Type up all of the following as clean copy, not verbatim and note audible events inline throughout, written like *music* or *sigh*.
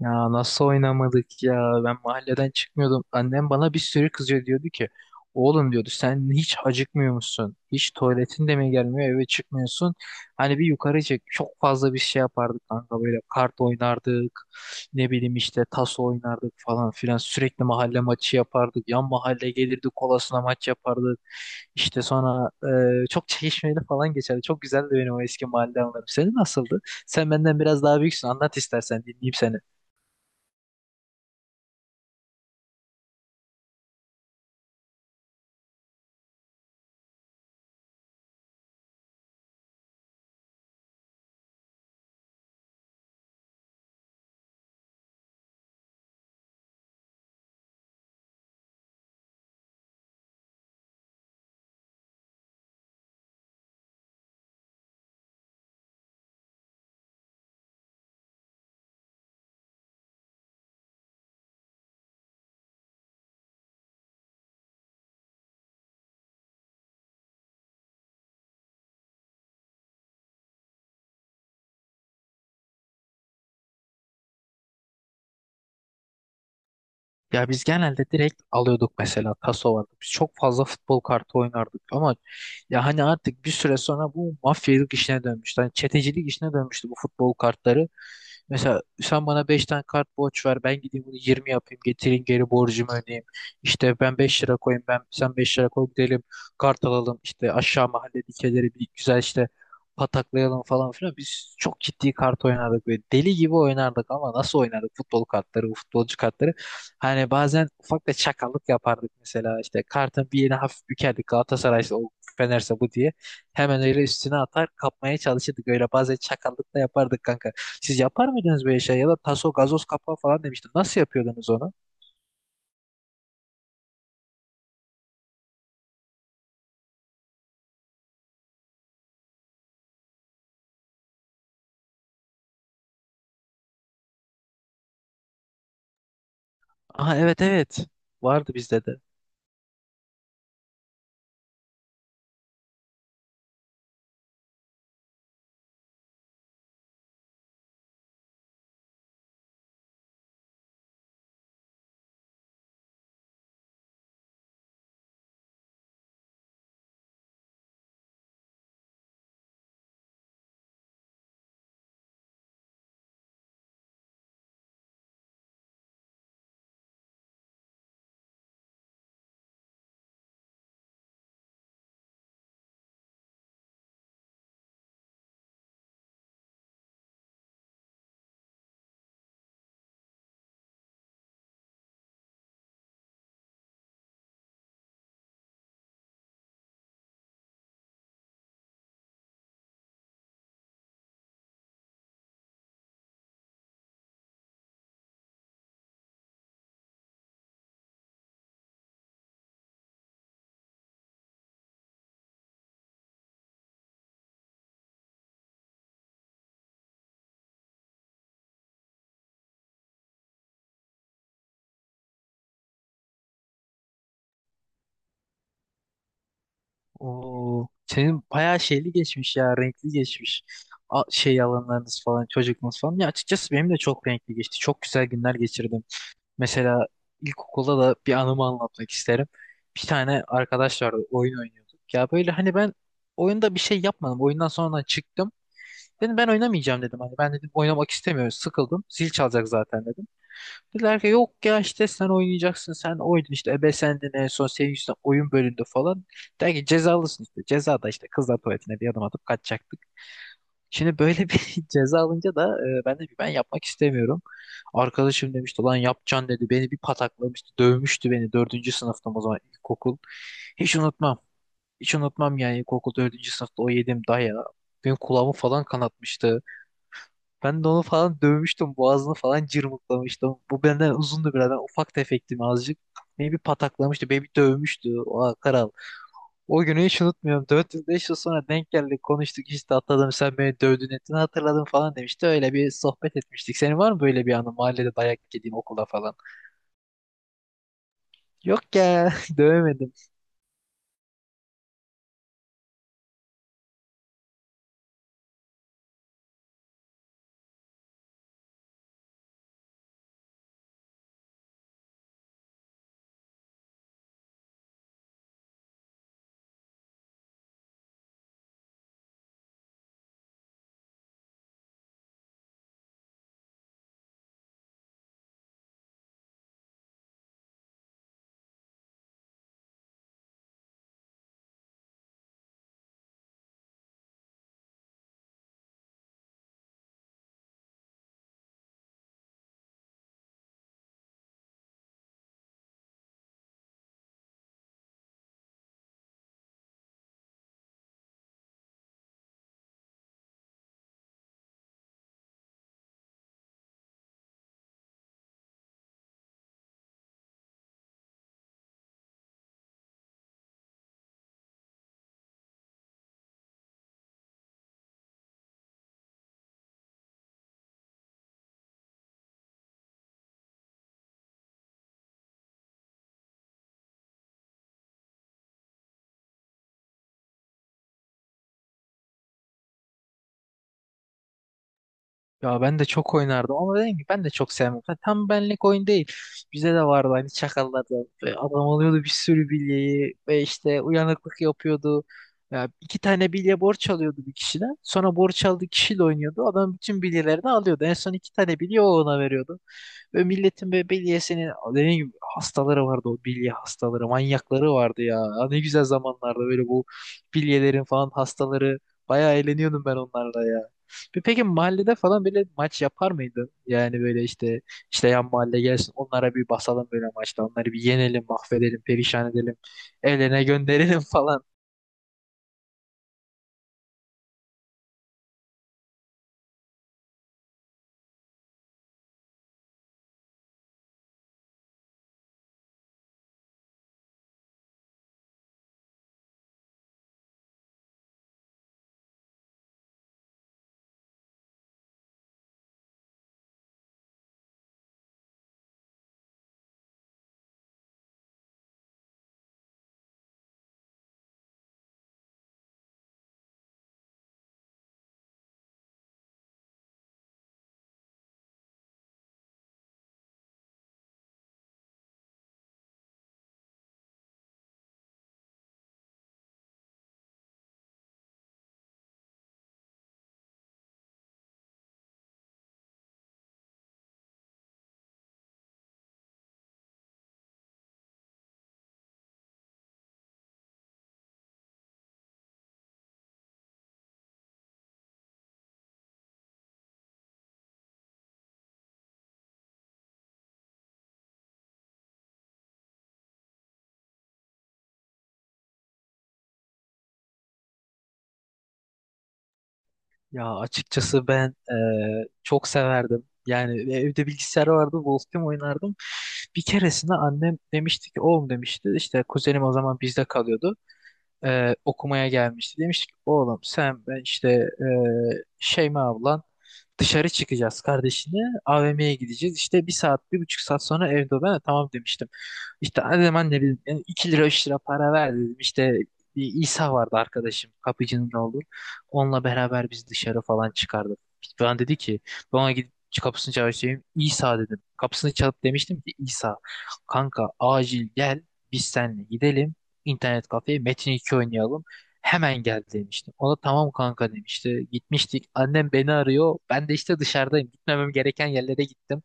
Ya nasıl oynamadık ya? Ben mahalleden çıkmıyordum. Annem bana bir sürü kızıyor diyordu ki oğlum diyordu sen hiç acıkmıyor musun? Hiç tuvaletin de mi gelmiyor eve çıkmıyorsun? Hani bir yukarı çık. Çok fazla bir şey yapardık kanka böyle kart oynardık. Ne bileyim işte tas oynardık falan filan. Sürekli mahalle maçı yapardık. Yan mahalle gelirdi kolasına maç yapardık. İşte sonra çok çekişmeli falan geçerdi. Çok güzeldi benim o eski mahalle anılarım. Senin nasıldı? Sen benden biraz daha büyüksün. Anlat istersen dinleyeyim seni. Ya biz genelde direkt alıyorduk mesela taso vardı. Biz çok fazla futbol kartı oynardık ama ya hani artık bir süre sonra bu mafyalık işine dönmüştü. Hani çetecilik işine dönmüştü bu futbol kartları. Mesela sen bana 5 tane kart borç ver ben gideyim bunu 20 yapayım getireyim geri borcumu ödeyeyim. İşte ben 5 lira koyayım ben sen 5 lira koy gidelim kart alalım işte aşağı mahalle dikeleri bir güzel işte pataklayalım falan filan. Biz çok ciddi kart oynardık ve deli gibi oynardık ama nasıl oynardık futbol kartları, bu futbolcu kartları. Hani bazen ufak da çakallık yapardık mesela işte kartın bir yerine hafif bükerdik Galatasaray'sa o Fener'se bu diye. Hemen öyle üstüne atar kapmaya çalışırdık öyle bazen çakallık da yapardık kanka. Siz yapar mıydınız böyle şey ya da taso gazoz kapağı falan demiştim. Nasıl yapıyordunuz onu? Aha, evet evet, vardı bizde de. Oo, senin bayağı şeyli geçmiş ya, renkli geçmiş. Şey alanlarınız falan, çocukluğunuz falan. Ya açıkçası benim de çok renkli geçti. Çok güzel günler geçirdim. Mesela ilkokulda da bir anımı anlatmak isterim. Bir tane arkadaş vardı, oyun oynuyorduk. Ya böyle hani ben oyunda bir şey yapmadım. Oyundan sonra çıktım. Dedim ben oynamayacağım dedim. Hani ben dedim oynamak istemiyorum, sıkıldım. Zil çalacak zaten dedim. Dediler ki yok ya işte sen oynayacaksın sen oyna işte ebe sendin en son senin yüzünden oyun bölündü falan. Der ki cezalısın işte ceza da işte kızlar tuvaletine bir adım atıp kaçacaktık. Şimdi böyle bir *laughs* ceza alınca da ben de ben yapmak istemiyorum. Arkadaşım demişti lan yapacaksın dedi beni bir pataklamıştı dövmüştü beni dördüncü sınıftım o zaman ilkokul. Hiç unutmam, hiç unutmam yani ilkokul dördüncü sınıfta o yediğim dayağı benim kulağımı falan kanatmıştı. Ben de onu falan dövmüştüm. Boğazını falan cırmıklamıştım. Bu benden uzundu biraz. Ben ufak tefektim azıcık. Beni bir pataklamıştı. Beni bir dövmüştü. O Karal. O günü hiç unutmuyorum. 4-5 yıl beş yıl sonra denk geldik. Konuştuk işte atladım. Sen beni dövdün ettin hatırladım falan demişti. Öyle bir sohbet etmiştik. Senin var mı böyle bir anı? Mahallede dayak yediğin okula falan. Yok ya. *laughs* Dövemedim. Ya ben de çok oynardım ama dedim ki ben de çok sevmem. Ha, tam benlik oyun değil. Bize de vardı hani çakallardan. Ve adam alıyordu bir sürü bilyeyi ve işte uyanıklık yapıyordu. Ya 2 tane bilye borç alıyordu bir kişiden. Sonra borç aldığı kişiyle oynuyordu. Adam bütün bilyelerini alıyordu. En son 2 tane bilye o ona veriyordu. Ve milletin böyle bilyesinin dediğim gibi hastaları vardı o bilye hastaları manyakları vardı ya. Ya ne güzel zamanlarda böyle bu bilyelerin falan hastaları bayağı eğleniyordum ben onlarla ya. Peki mahallede falan böyle maç yapar mıydın? Yani böyle işte işte yan mahalle gelsin onlara bir basalım böyle maçta onları bir yenelim mahvedelim perişan edelim eline gönderelim *laughs* falan. Ya açıkçası ben çok severdim. Yani evde bilgisayar vardı, Wolf oynardım. Bir keresinde annem demişti ki, oğlum demişti, işte kuzenim o zaman bizde kalıyordu okumaya gelmişti. Demiştik oğlum sen ben işte Şeyma ablan dışarı çıkacağız kardeşini AVM'ye gideceğiz. İşte bir saat bir buçuk saat sonra evde ol. Ben de tamam demiştim. İşte hadi hemen ne bileyim yani 2 lira 3 lira para ver dedim. İşte bir İsa vardı arkadaşım kapıcının oğlu. Onunla beraber biz dışarı falan çıkardık. Ben dedi ki ben ona gidip kapısını çalışayım. İsa dedim. Kapısını çalıp demiştim ki İsa kanka acil gel biz seninle gidelim internet kafeye Metin 2 oynayalım. Hemen gel demiştim. Ona tamam kanka demişti. Gitmiştik. Annem beni arıyor. Ben de işte dışarıdayım. Gitmemem gereken yerlere gittim.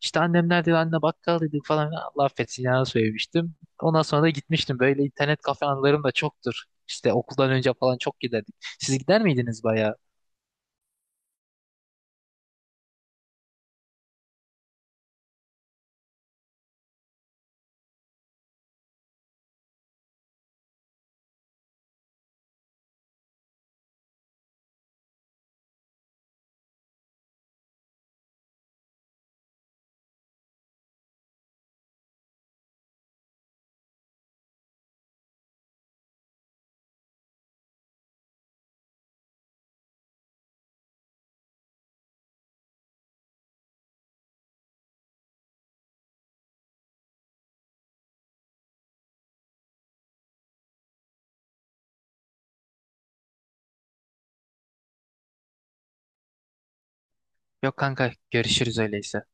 İşte annem nerede? Anne bakkal dedik falan. Allah affetsin ya söylemiştim. Ondan sonra da gitmiştim. Böyle internet kafe anılarım da çoktur. İşte okuldan önce falan çok giderdik. Siz gider miydiniz bayağı? Yok kanka, görüşürüz öyleyse.